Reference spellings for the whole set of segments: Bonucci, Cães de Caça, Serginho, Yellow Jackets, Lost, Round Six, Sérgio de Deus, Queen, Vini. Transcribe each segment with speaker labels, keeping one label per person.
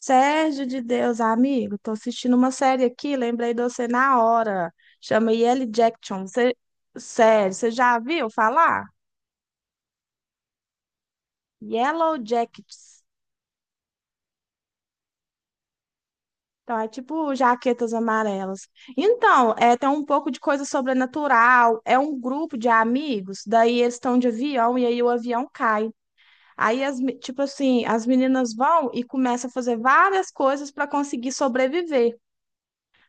Speaker 1: Sérgio de Deus, amigo, tô assistindo uma série aqui, lembrei de você na hora. Chama Yellow Jackson. Você, sério, você já viu falar? Yellow Jackets. Então, é tipo jaquetas amarelas. Então, é, tem um pouco de coisa sobrenatural. É um grupo de amigos, daí eles estão de avião e aí o avião cai. Aí, tipo assim, as meninas vão e começam a fazer várias coisas para conseguir sobreviver.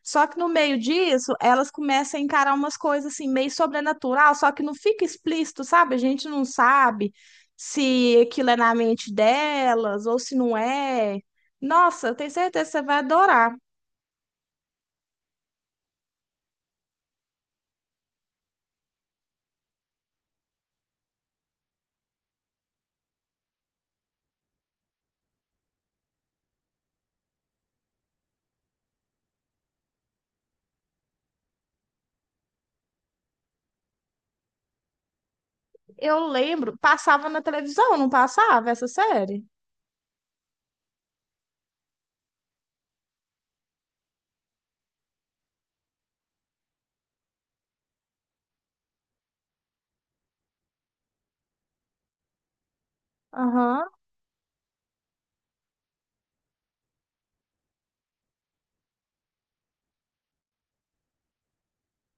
Speaker 1: Só que no meio disso, elas começam a encarar umas coisas assim, meio sobrenatural, só que não fica explícito, sabe? A gente não sabe se aquilo é na mente delas ou se não é. Nossa, eu tenho certeza que você vai adorar. Eu lembro, passava na televisão, não passava essa série? Aham.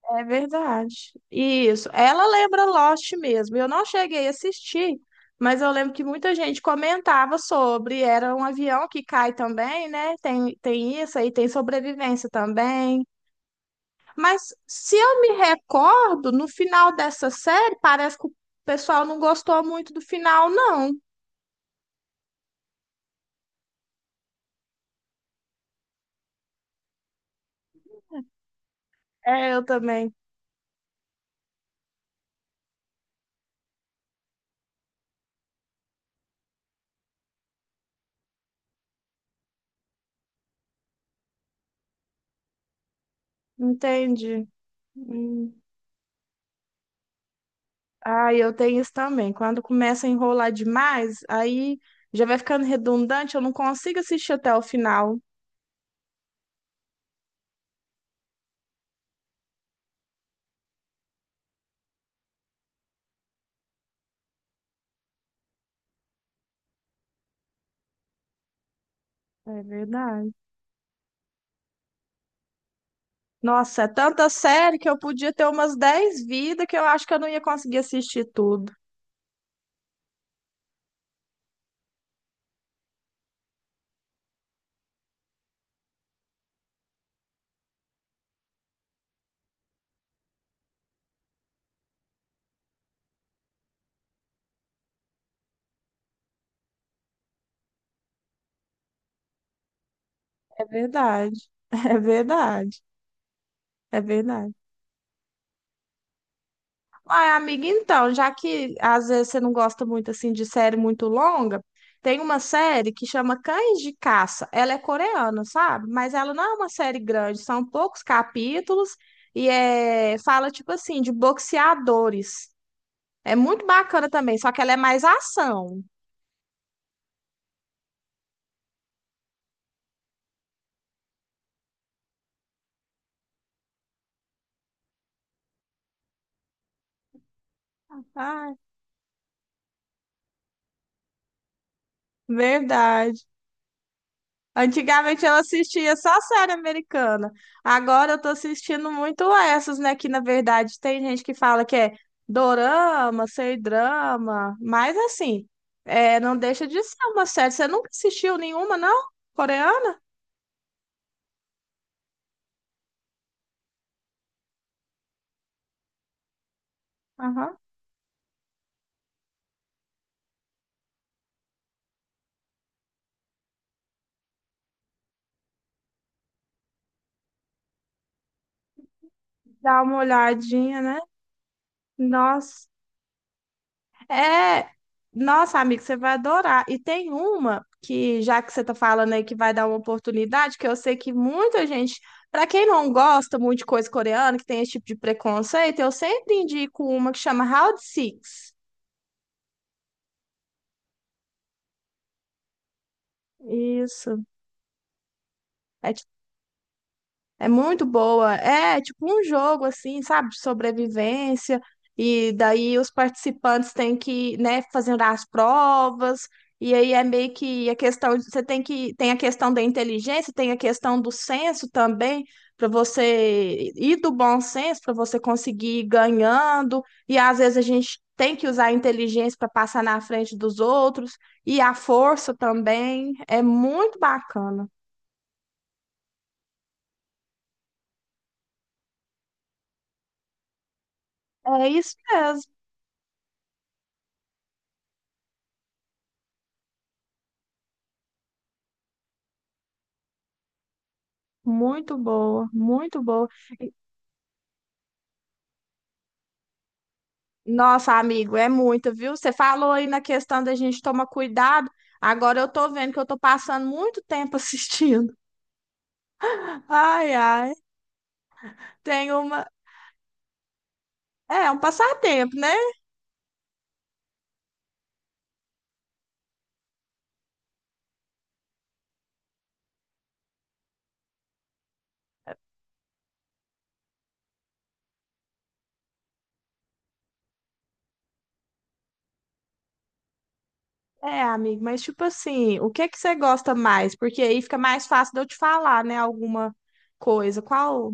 Speaker 1: É verdade. Isso. Ela lembra Lost mesmo. Eu não cheguei a assistir, mas eu lembro que muita gente comentava sobre. Era um avião que cai também, né? Tem isso aí, tem sobrevivência também. Mas se eu me recordo, no final dessa série, parece que o pessoal não gostou muito do final, não. É, eu também. Entendi. Hum. Ah, eu tenho isso também. Quando começa a enrolar demais, aí já vai ficando redundante, eu não consigo assistir até o final. É verdade. Nossa, é tanta série que eu podia ter umas 10 vidas que eu acho que eu não ia conseguir assistir tudo. É verdade. É verdade. É verdade. Ai, amiga, então, já que às vezes você não gosta muito assim de série muito longa, tem uma série que chama Cães de Caça. Ela é coreana, sabe? Mas ela não é uma série grande, são poucos capítulos e é, fala tipo assim de boxeadores. É muito bacana também, só que ela é mais ação. Ai, verdade. Antigamente eu assistia só série americana. Agora eu tô assistindo muito essas, né? Que na verdade tem gente que fala que é dorama, sei drama, mas assim, é, não deixa de ser uma série. Você nunca assistiu nenhuma, não? Coreana? Aham. Dá uma olhadinha, né? Nossa, é, nossa, amigo, você vai adorar. E tem uma que, já que você tá falando aí que vai dar uma oportunidade, que eu sei que muita gente, para quem não gosta muito de coisa coreana, que tem esse tipo de preconceito, eu sempre indico uma que chama Round Six. Isso. É. É muito boa. É tipo um jogo assim, sabe, de sobrevivência. E daí os participantes têm que, né, fazendo as provas. E aí é meio que a questão, você tem que tem a questão da inteligência, tem a questão do senso também, para você e do bom senso para você conseguir ir ganhando. E às vezes a gente tem que usar a inteligência para passar na frente dos outros e a força também. É muito bacana. É isso mesmo. Muito boa, muito boa. Nossa, amigo, é muito, viu? Você falou aí na questão da gente tomar cuidado. Agora eu tô vendo que eu tô passando muito tempo assistindo. Ai, ai. Tem uma. É, um passatempo, né? É, amigo, mas tipo assim, o que que você gosta mais? Porque aí fica mais fácil de eu te falar, né? Alguma coisa. Qual?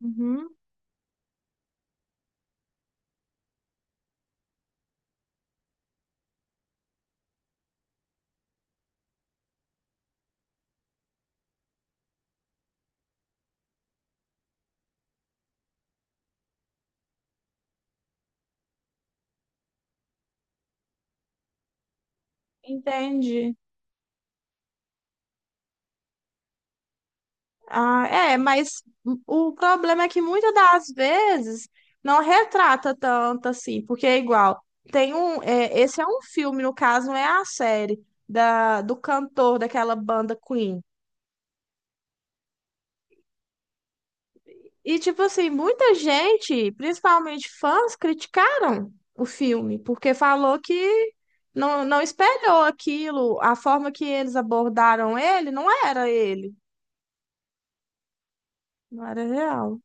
Speaker 1: Uhum, entendi. Ah, é, mas o problema é que muitas das vezes não retrata tanto assim, porque é igual. Tem um, é, esse é um filme, no caso, não é a série da, do cantor daquela banda Queen. E, tipo assim, muita gente, principalmente fãs, criticaram o filme, porque falou que não espelhou aquilo, a forma que eles abordaram ele, não era real.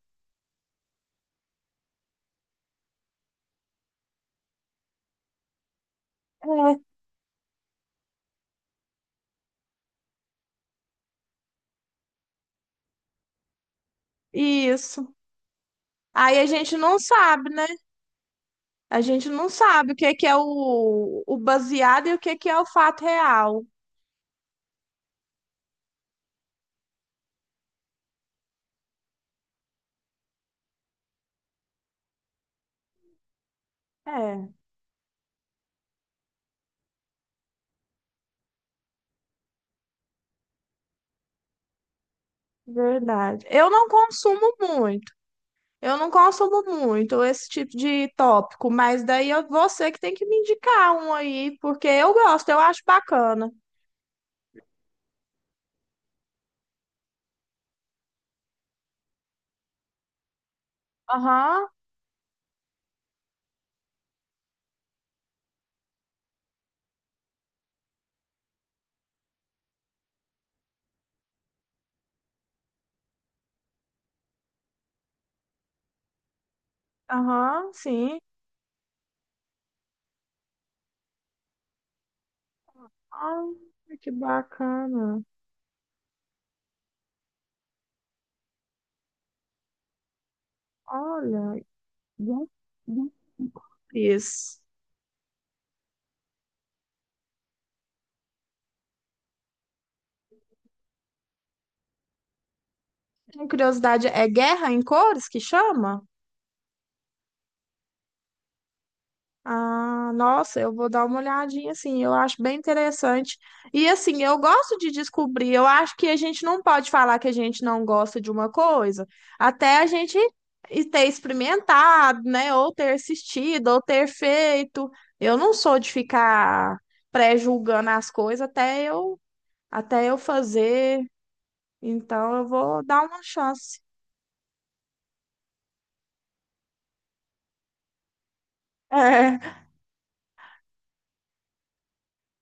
Speaker 1: É. Isso. Aí a gente não sabe, né? A gente não sabe o que é o baseado e o que é o fato real. É, verdade. Eu não consumo muito. Eu não consumo muito esse tipo de tópico, mas daí é você que tem que me indicar um aí, porque eu gosto, eu acho bacana. Aham, aham, sim. Ai, que bacana. Olha, gu- gu- cores. Tenho curiosidade, é guerra em cores que chama? Ah, nossa, eu vou dar uma olhadinha, assim, eu acho bem interessante. E assim, eu gosto de descobrir, eu acho que a gente não pode falar que a gente não gosta de uma coisa, até a gente e ter experimentado, né, ou ter assistido, ou ter feito. Eu não sou de ficar pré-julgando as coisas até eu fazer, então eu vou dar uma chance.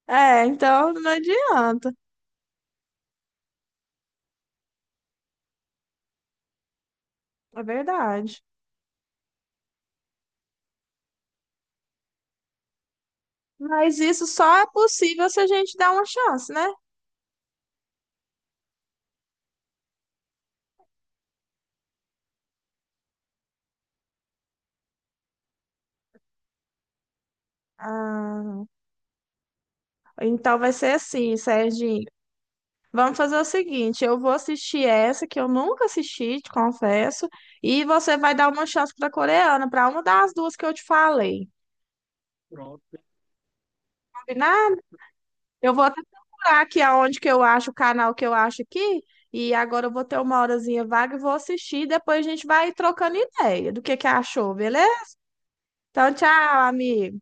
Speaker 1: Então não adianta, é verdade. Mas isso só é possível se a gente dar uma chance, né? Ah, então vai ser assim, Serginho. Vamos fazer o seguinte: eu vou assistir essa que eu nunca assisti, te confesso, e você vai dar uma chance para coreana, para uma das duas que eu te falei. Combinado? Eu vou até procurar aqui aonde que eu acho, o canal que eu acho aqui, e agora eu vou ter uma horazinha vaga e vou assistir, depois a gente vai trocando ideia do que achou, beleza? Então, tchau, amigo.